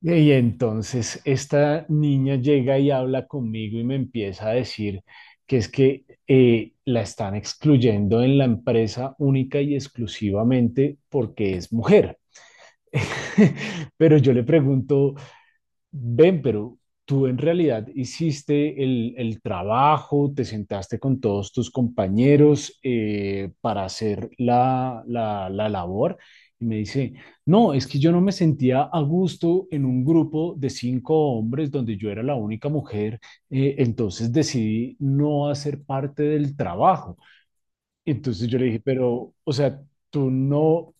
Y entonces esta niña llega y habla conmigo y me empieza a decir que es que la están excluyendo en la empresa única y exclusivamente porque es mujer. Pero yo le pregunto, ven, pero tú en realidad hiciste el trabajo, te sentaste con todos tus compañeros para hacer la labor. Y me dice, no, es que yo no me sentía a gusto en un grupo de cinco hombres donde yo era la única mujer, entonces decidí no hacer parte del trabajo. Entonces yo le dije, pero, o sea, tú no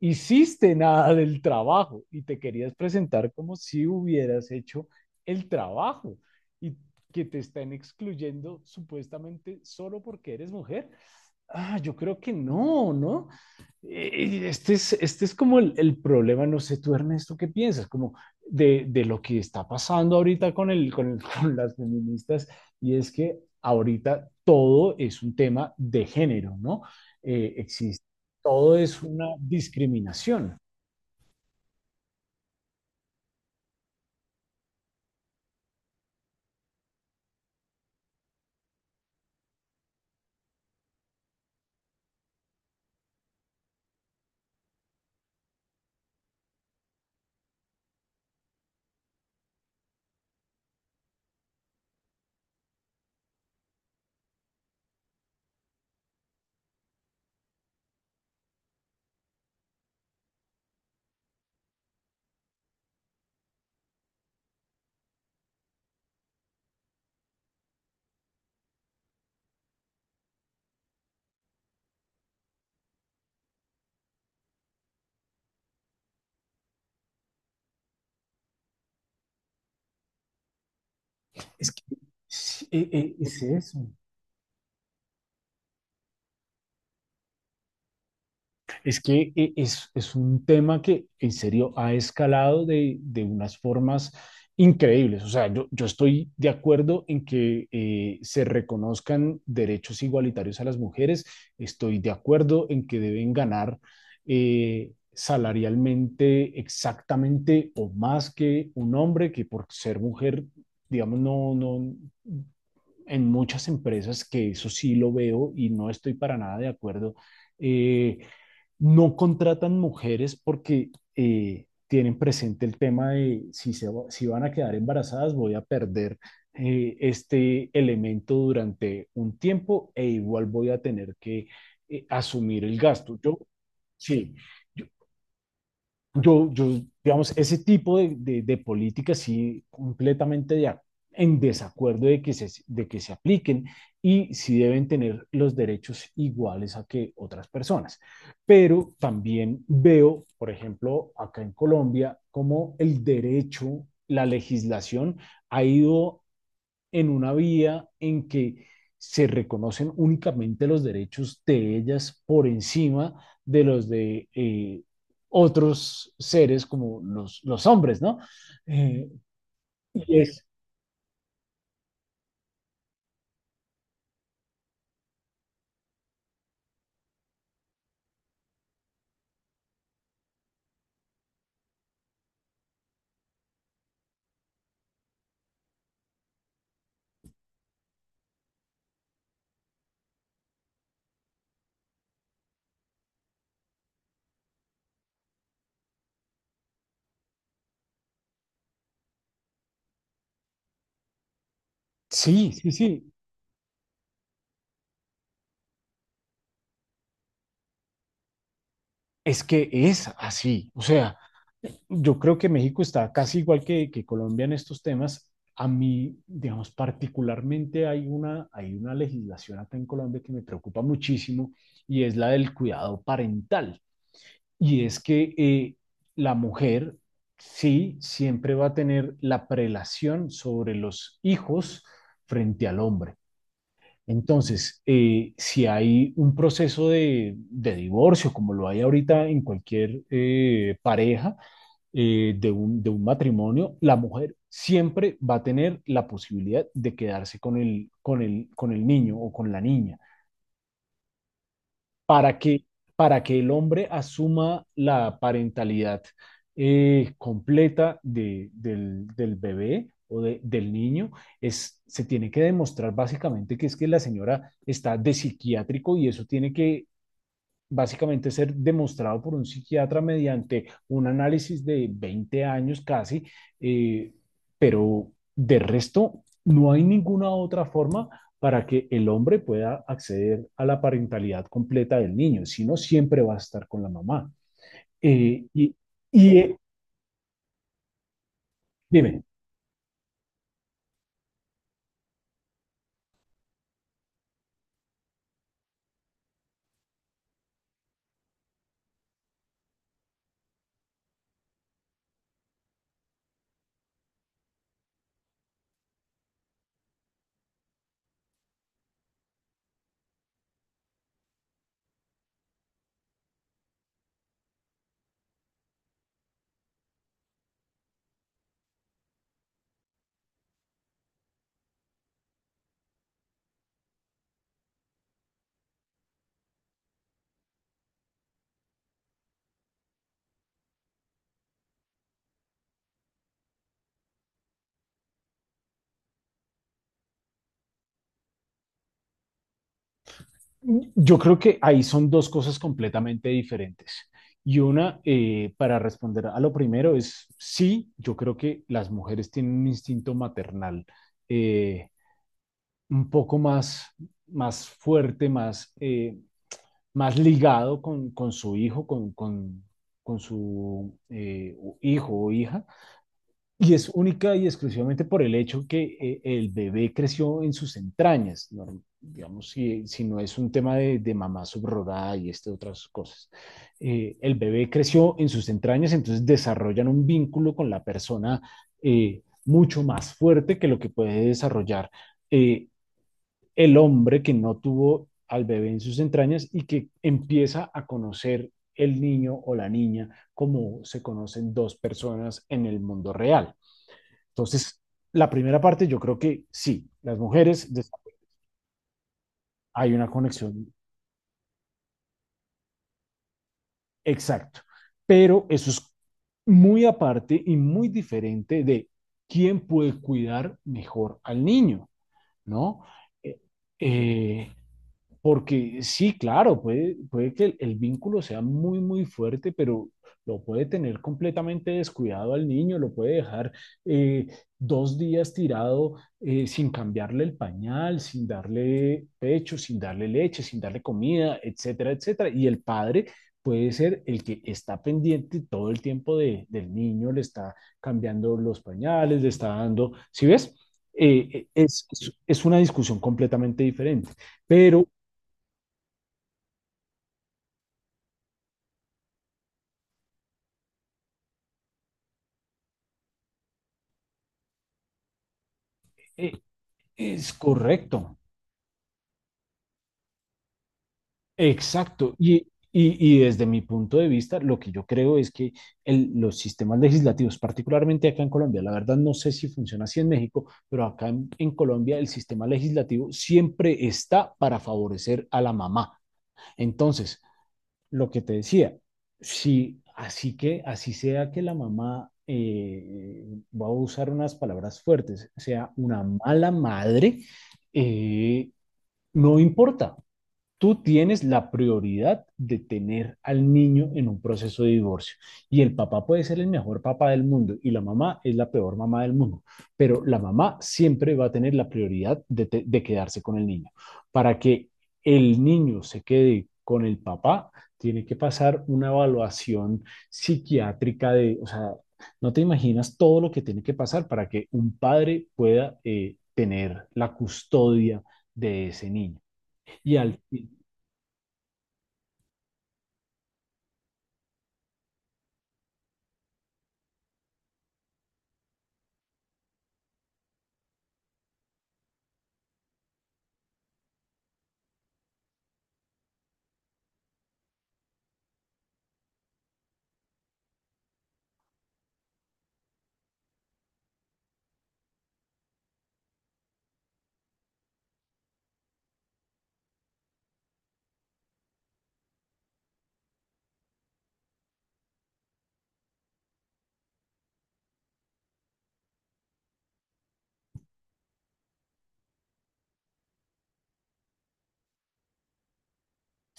hiciste nada del trabajo y te querías presentar como si hubieras hecho el trabajo y que te están excluyendo supuestamente solo porque eres mujer. Ah, yo creo que no, ¿no? Este es como el problema. No sé tú, Ernesto, ¿qué piensas? Como de lo que está pasando ahorita con las feministas. Y es que ahorita todo es un tema de género, ¿no? Existe, todo es una discriminación. Es que sí, es eso. Es que es un tema que en serio ha escalado de unas formas increíbles. O sea, yo estoy de acuerdo en que se reconozcan derechos igualitarios a las mujeres. Estoy de acuerdo en que deben ganar salarialmente exactamente o más que un hombre, que por ser mujer, digamos, no, no, en muchas empresas, que eso sí lo veo y no estoy para nada de acuerdo. eh, no contratan mujeres porque tienen presente el tema de si van a quedar embarazadas. Voy a perder este elemento durante un tiempo e igual voy a tener que asumir el gasto. Yo, sí, yo, yo, digamos, ese tipo de políticas sí completamente en desacuerdo de que se de que se apliquen. Y sí deben tener los derechos iguales a que otras personas. Pero también veo, por ejemplo, acá en Colombia, cómo el derecho, la legislación ha ido en una vía en que se reconocen únicamente los derechos de ellas por encima de los de otros seres como los hombres, ¿no? Eh, y es, sí, sí, sí, es que es así. O sea, yo creo que México está casi igual que Colombia en estos temas. A mí, digamos, particularmente hay una legislación acá en Colombia que me preocupa muchísimo, y es la del cuidado parental. Y es que la mujer, sí, siempre va a tener la prelación sobre los hijos frente al hombre. Entonces, si hay un proceso de divorcio, como lo hay ahorita en cualquier pareja de un matrimonio, la mujer siempre va a tener la posibilidad de quedarse con el niño o con la niña, para que el hombre asuma la parentalidad completa del bebé o del niño. Se tiene que demostrar básicamente que es que la señora está de psiquiátrico, y eso tiene que básicamente ser demostrado por un psiquiatra mediante un análisis de 20 años casi. eh, pero de resto no hay ninguna otra forma para que el hombre pueda acceder a la parentalidad completa del niño, si no siempre va a estar con la mamá. Eh, y, y eh, Dime. Yo creo que ahí son dos cosas completamente diferentes. Y una, para responder a lo primero, es sí, yo creo que las mujeres tienen un instinto maternal eh, un poco más fuerte, más ligado con su hijo, con su hijo o hija, y es única y exclusivamente por el hecho que el bebé creció en sus entrañas, ¿no? Digamos, si no es un tema de mamá subrogada y este, otras cosas. El bebé creció en sus entrañas, entonces desarrollan un vínculo con la persona mucho más fuerte que lo que puede desarrollar eh, el hombre que no tuvo al bebé en sus entrañas y que empieza a conocer el niño o la niña como se conocen dos personas en el mundo real. Entonces, la primera parte yo creo que sí, las mujeres hay una conexión exacta, pero eso es muy aparte y muy diferente de quién puede cuidar mejor al niño, ¿no? Eh, eh, Porque sí, claro, puede que el vínculo sea muy, muy fuerte, pero lo puede tener completamente descuidado al niño. Lo puede dejar eh, 2 días tirado, sin cambiarle el pañal, sin darle pecho, sin darle leche, sin darle comida, etcétera, etcétera. Y el padre puede ser el que está pendiente todo el tiempo del niño, le está cambiando los pañales, le está dando, ¿sí ves? Es una discusión completamente diferente, pero E- Es correcto, exacto. Y, y desde mi punto de vista, lo que yo creo es que los sistemas legislativos, particularmente acá en Colombia, la verdad no sé si funciona así en México, pero acá en Colombia el sistema legislativo siempre está para favorecer a la mamá. Entonces, lo que te decía, si así que, así sea que la mamá, voy a usar unas palabras fuertes, sea una mala madre, eh, no importa. Tú tienes la prioridad de tener al niño en un proceso de divorcio. Y el papá puede ser el mejor papá del mundo y la mamá es la peor mamá del mundo, pero la mamá siempre va a tener la prioridad de quedarse con el niño. Para que el niño se quede con el papá, tiene que pasar una evaluación psiquiátrica o sea, no te imaginas todo lo que tiene que pasar para que un padre pueda tener la custodia de ese niño. Y al,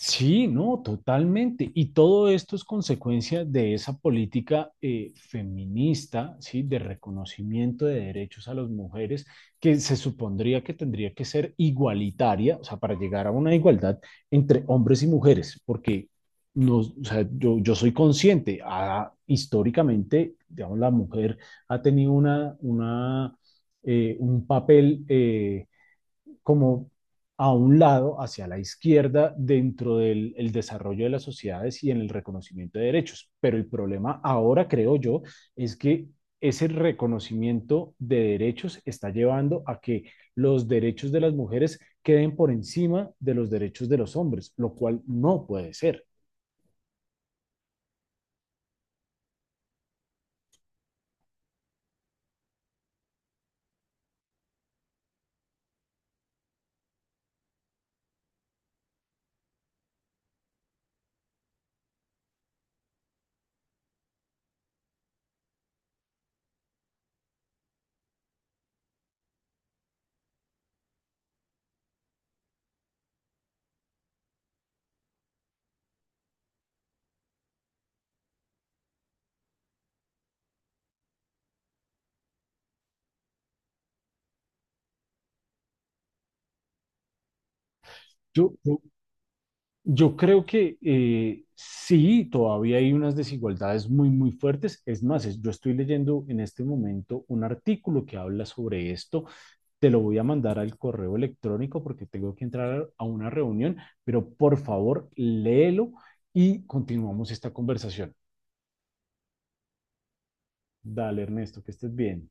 Sí, no, totalmente. Y todo esto es consecuencia de esa política feminista, ¿sí? De reconocimiento de derechos a las mujeres, que se supondría que tendría que ser igualitaria, o sea, para llegar a una igualdad entre hombres y mujeres, porque o sea, yo soy consciente, ah, históricamente, digamos, la mujer ha tenido un papel, como a un lado, hacia la izquierda, dentro del el desarrollo de las sociedades y en el reconocimiento de derechos. Pero el problema ahora, creo yo, es que ese reconocimiento de derechos está llevando a que los derechos de las mujeres queden por encima de los derechos de los hombres, lo cual no puede ser. Yo, yo, Yo creo que sí, todavía hay unas desigualdades muy, muy fuertes. Es más, yo estoy leyendo en este momento un artículo que habla sobre esto. Te lo voy a mandar al correo electrónico porque tengo que entrar a una reunión, pero por favor, léelo y continuamos esta conversación. Dale, Ernesto, que estés bien.